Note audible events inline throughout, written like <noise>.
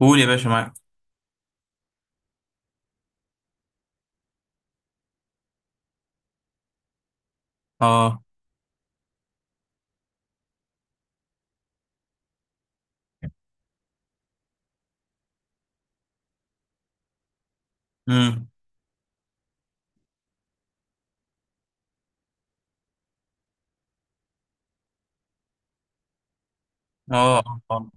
قول يا باشا معاك. اه. امم اه اه اه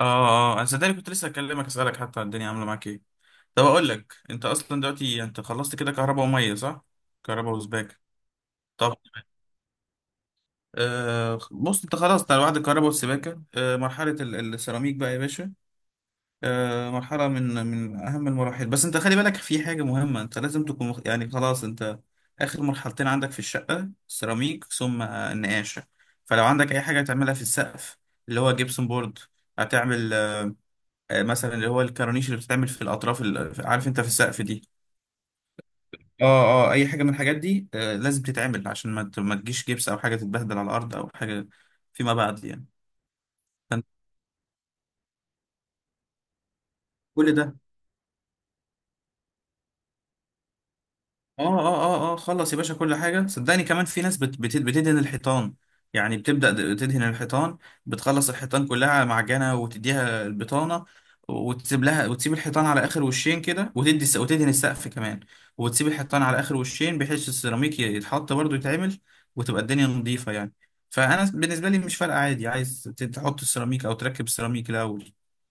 اه انا صدقني كنت لسه اكلمك اسالك حتى. الدنيا عامله معاك ايه؟ طب اقول لك انت اصلا دلوقتي انت خلصت كده كهرباء وميه، صح؟ كهرباء وسباكه. طب بص انت خلاص انت على وعد الكهرباء والسباكه. مرحله السيراميك بقى يا باشا. مرحلة من أهم المراحل، بس أنت خلي بالك في حاجة مهمة. أنت لازم تكون خلاص أنت آخر مرحلتين عندك في الشقة، سيراميك ثم النقاشة. فلو عندك أي حاجة تعملها في السقف اللي هو جبسون بورد هتعمل مثلا اللي هو الكورنيش اللي بتتعمل في الأطراف، عارف أنت في السقف دي. اه اه أي حاجة من الحاجات دي لازم تتعمل عشان ما تجيش جبس أو حاجة تتبهدل على الأرض أو حاجة فيما بعد يعني. فأنت كل ده اه اه اه اه خلص يا باشا كل حاجة صدقني. كمان في ناس بت بت بتدهن الحيطان، يعني بتبدأ تدهن الحيطان، بتخلص الحيطان كلها معجنة وتديها البطانة وتسيب لها، وتسيب الحيطان على آخر وشين كده، وتدي وتدهن السقف كمان، وتسيب الحيطان على آخر وشين بحيث السيراميك يتحط برضه يتعمل، وتبقى الدنيا نظيفة يعني. فأنا بالنسبة لي مش فارقة، عادي عايز تحط السيراميك أو تركب السيراميك الأول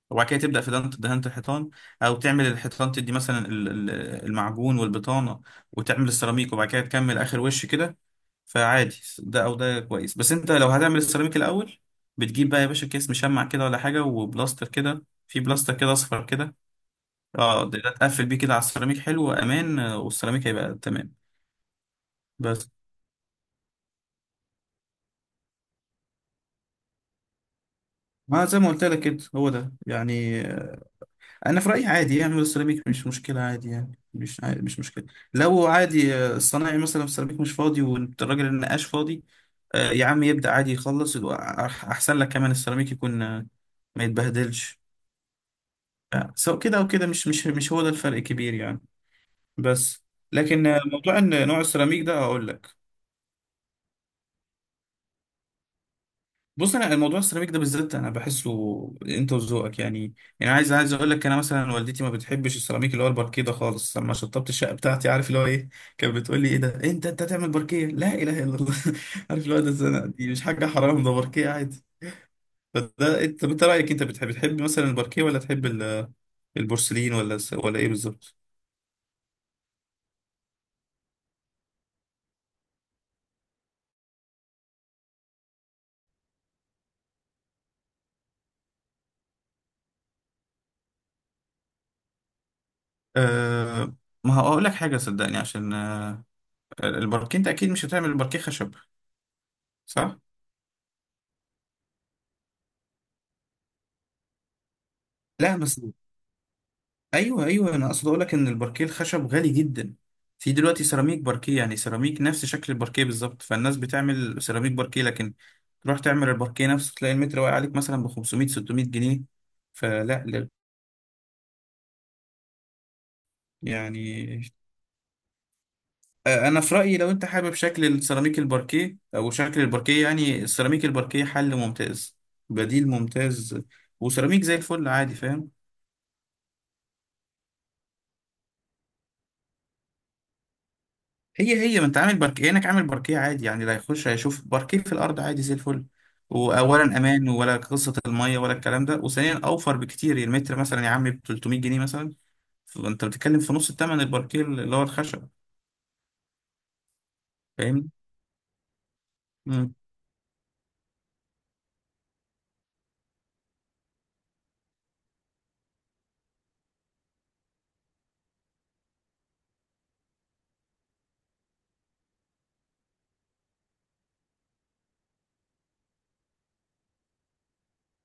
وبعد كده تبدأ في دهنة الحيطان، أو تعمل الحيطان تدي مثلا المعجون والبطانة وتعمل السيراميك وبعد كده تكمل اخر وش كده. فعادي ده او ده كويس، بس انت لو هتعمل السيراميك الاول بتجيب بقى يا باشا كيس مشمع كده ولا حاجه، وبلاستر كده، في بلاستر كده اصفر كده. اه ده تقفل بيه كده على السيراميك، حلو وامان والسيراميك هيبقى تمام. بس ما زي ما قلت لك كده هو ده يعني. انا في رايي عادي يعمل السيراميك، مش مشكله عادي يعني، مش عادي مش مشكله. لو عادي الصنايعي مثلا في السيراميك مش فاضي والراجل النقاش فاضي، يا عم يبدا عادي يخلص يبقى احسن لك، كمان السيراميك يكون ما يتبهدلش. سواء كده او كده، مش هو ده الفرق الكبير يعني. بس لكن موضوع ان نوع السيراميك ده اقول لك. بص انا الموضوع السيراميك ده بالذات انا بحسه انت وذوقك يعني. يعني عايز اقول لك انا مثلا والدتي ما بتحبش السيراميك اللي هو الباركيه ده خالص. لما شطبت الشقه بتاعتي عارف اللي هو ايه؟ كانت بتقول لي ايه ده؟ إيه انت تعمل باركيه؟ لا اله الا الله. <laughs> عارف اللي هو ده زنا. دي مش حاجه حرام، ده باركيه عادي. فده انت رايك، انت تحب مثلا الباركيه ولا تحب البورسلين ولا ولا ايه بالظبط؟ أه ما هقول لك حاجه صدقني. عشان الباركيه انت اكيد مش هتعمل الباركيه خشب، صح؟ لا بس ايوه انا اقصد اقول لك ان الباركيه الخشب غالي جدا. في دلوقتي سيراميك باركيه، يعني سيراميك نفس شكل الباركيه بالظبط، فالناس بتعمل سيراميك باركيه. لكن تروح تعمل الباركيه نفسه تلاقي المتر واقع عليك مثلا ب 500 600 ج. فلا لا، يعني انا في رايي لو انت حابب شكل السيراميك الباركيه او شكل الباركيه، يعني السيراميك الباركيه حل ممتاز، بديل ممتاز، وسيراميك زي الفل عادي، فاهم؟ هي ما انت عامل باركيه، كأنك عامل باركيه عادي يعني، لا يخش هيشوف باركيه في الارض عادي زي الفل. واولا امان ولا قصه الميه ولا الكلام ده، وثانيا اوفر بكتير، يعني المتر مثلا يا عم ب 300 ج مثلا. فانت بتتكلم في نص الثمن الباركيه اللي هو الخشب، فاهمني؟ مم.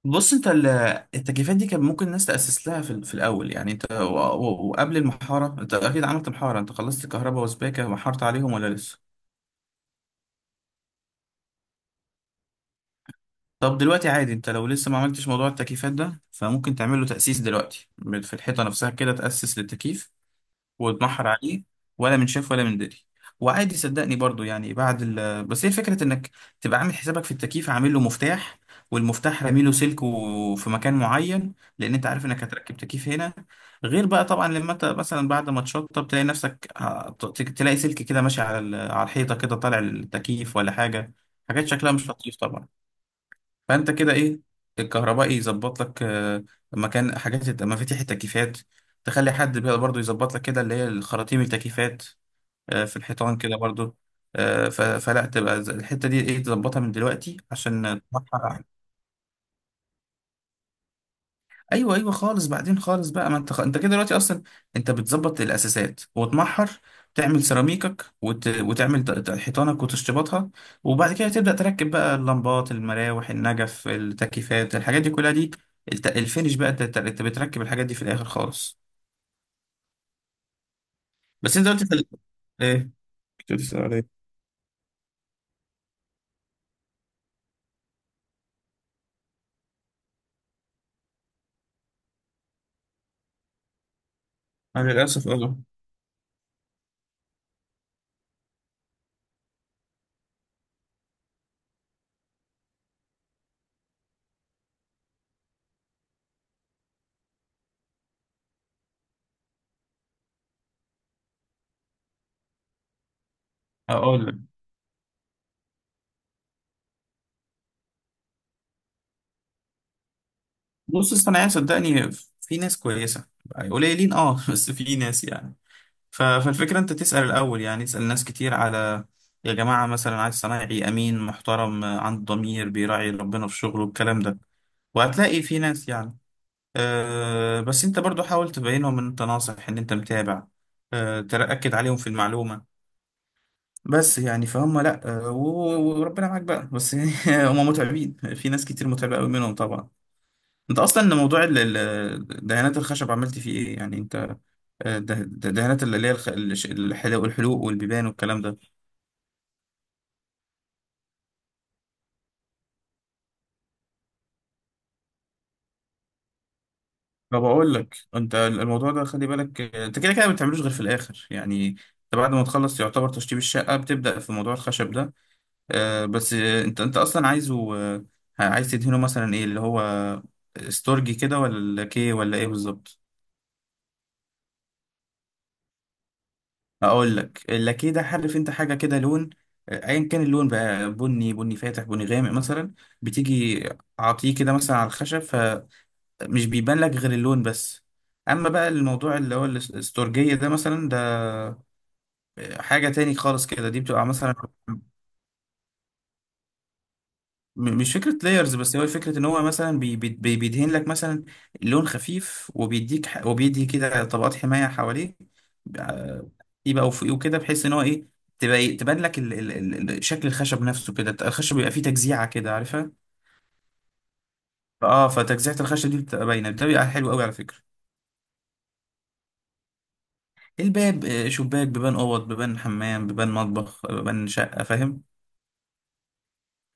بص انت التكييفات دي كان ممكن الناس تاسس لها في الاول، يعني انت وقبل المحاره انت اكيد عملت محاره، انت خلصت كهرباء وسباكه ومحرت عليهم ولا لسه؟ طب دلوقتي عادي انت لو لسه ما عملتش موضوع التكييفات ده فممكن تعمل له تأسيس دلوقتي في الحيطة نفسها كده، تأسس للتكييف وتمحر عليه ولا من شاف ولا من دري. وعادي صدقني برضو يعني بعد ال بس هي فكرة انك تبقى عامل حسابك في التكييف، عامل له مفتاح، والمفتاح رامي له سلك في مكان معين، لان انت عارف انك هتركب تكييف هنا. غير بقى طبعا لما انت مثلا بعد ما تشطب تلاقي نفسك تلاقي سلك كده ماشي على على الحيطة كده طالع للتكييف ولا حاجة، حاجات شكلها مش لطيف طبعا. فانت كده ايه، الكهربائي يظبط لك مكان حاجات مفاتيح التكييفات، تخلي حد بقى برضو يظبط لك كده اللي هي الخراطيم التكييفات في الحيطان كده برضو. فلا تبقى الحتة دي ايه، تظبطها من دلوقتي عشان تحقق. ايوه خالص بعدين خالص بقى. ما انت انت كده دلوقتي اصلا انت بتظبط الاساسات وتمحر، تعمل سيراميكك وتعمل حيطانك وتشطيباتها، وبعد كده تبدا تركب بقى اللمبات المراوح النجف التكييفات، الحاجات دي كلها دي الفينش بقى، انت بتركب الحاجات دي في الاخر خالص. بس انت قلت في ايه، كنت بتسأل على ايه؟ انا للاسف اه. اقول لك، بص الصناعيه صدقني في ناس كويسه، قليلين اه <laughs> بس في ناس يعني. فالفكرة انت تسأل الأول، يعني اسأل ناس كتير على، يا جماعة مثلا عايز صنايعي أمين محترم عنده ضمير بيراعي ربنا في شغله الكلام ده، وهتلاقي في ناس يعني. أه بس انت برضو حاول تبينهم ان انت ناصح، ان انت متابع، أه تأكد عليهم في المعلومة بس، يعني فهم لا أه وربنا معاك بقى بس. <laughs> هم متعبين، في ناس كتير متعبة قوي منهم طبعا. انت اصلا موضوع دهانات الخشب عملت فيه ايه يعني انت؟ ده دهانات اللي هي الحلو والحلوق والبيبان والكلام ده. فبقول لك انت الموضوع ده خلي بالك انت كده كده ما بتعملوش غير في الاخر، يعني انت بعد ما تخلص يعتبر تشطيب الشقه بتبدا في موضوع الخشب ده. آه، بس آه، انت اصلا عايز تدهنه مثلا ايه، اللي هو استورجي كده ولا اللاكيه ولا ايه بالظبط؟ اقول لك، اللاكيه ده عارف انت حاجه كده لون، ايا كان اللون بقى، بني، بني فاتح، بني غامق مثلا، بتيجي اعطيه كده مثلا على الخشب، مش بيبان لك غير اللون بس. اما بقى الموضوع اللي هو الاستورجية ده مثلا، ده حاجة تاني خالص كده، دي بتبقى مثلا مش فكرة لايرز، بس هو فكرة ان هو مثلا بيدهن لك مثلا لون خفيف وبيديك وبيدي كده طبقات حماية حواليه، آه، يبقى وفوقيه كده بحيث ان هو ايه، تبقى تبان لك شكل الخشب نفسه كده. الخشب بيبقى فيه تجزيعة كده عارفها. اه فتجزيعة الخشب دي بتبقى باينة، ده بيبقى حلو قوي على فكرة. الباب شباك، بيبان اوض، بيبان حمام، بيبان مطبخ، بيبان شقه، فاهم؟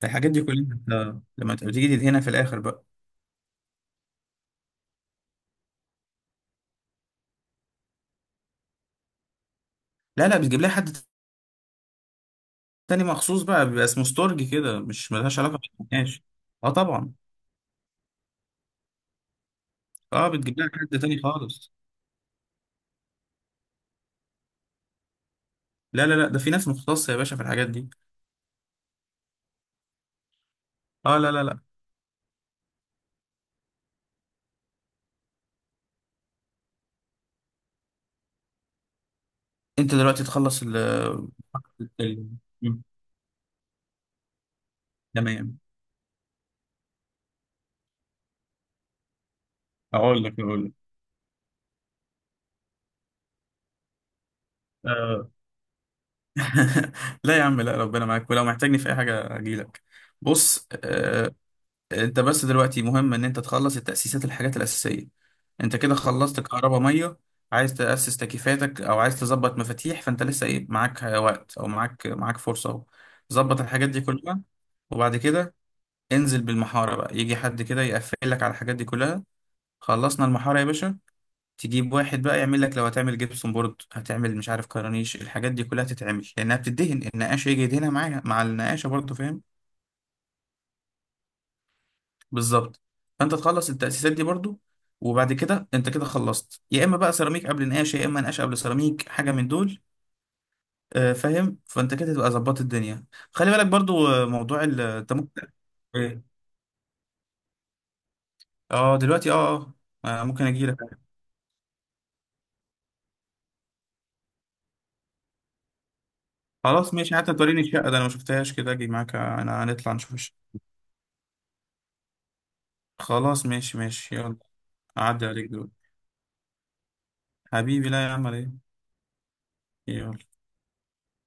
الحاجات دي كلها انت لما تبقى بتيجي تدهنها في الاخر بقى. لا لا، بتجيب لها حد تاني مخصوص بقى، بيبقى اسمه ستورج كده، مش ملهاش علاقه بالنقاش. اه طبعا. اه بتجيب لها حد تاني خالص. لا لا لا، ده في ناس مختصه يا باشا في الحاجات دي. اه لا لا لا، انت دلوقتي تخلص ال ال- م، تمام. اقول لك آه. <laughs> لا يا عم لا، ربنا معاك، ولو محتاجني في اي حاجه اجي لك. بص انت بس دلوقتي مهم ان انت تخلص التأسيسات، الحاجات الأساسية. انت كده خلصت كهرباء مية، عايز تأسس تكييفاتك او عايز تظبط مفاتيح، فانت لسه ايه، معاك وقت او معاك فرصة اهو ظبط الحاجات دي كلها. وبعد كده انزل بالمحارة بقى، يجي حد كده يقفل لك على الحاجات دي كلها. خلصنا المحارة يا باشا، تجيب واحد بقى يعمل لك، لو هتعمل جبسون بورد هتعمل مش عارف كرانيش، الحاجات دي كلها تتعمل لانها بتدهن. النقاش يجي يدهنها معاها مع النقاشة برضه، فاهم؟ بالظبط. فانت تخلص التأسيسات دي برضو، وبعد كده انت كده خلصت، يا اما بقى سيراميك قبل نقاش يا اما نقاش قبل سيراميك، حاجه من دول. فاهم؟ فانت كده تبقى ظبطت الدنيا. خلي بالك برضو موضوع انت ممكن. إيه؟ اه دلوقتي اه. اه ممكن اجي لك. خلاص ماشي، حتى توريني الشقه ده انا ما شفتهاش. كده اجي معاك انا هنطلع نشوف الشقه. خلاص ماشي ماشي يلا. اعدي عليك دلوقتي. حبيبي لا يا عم على ايه. يلا.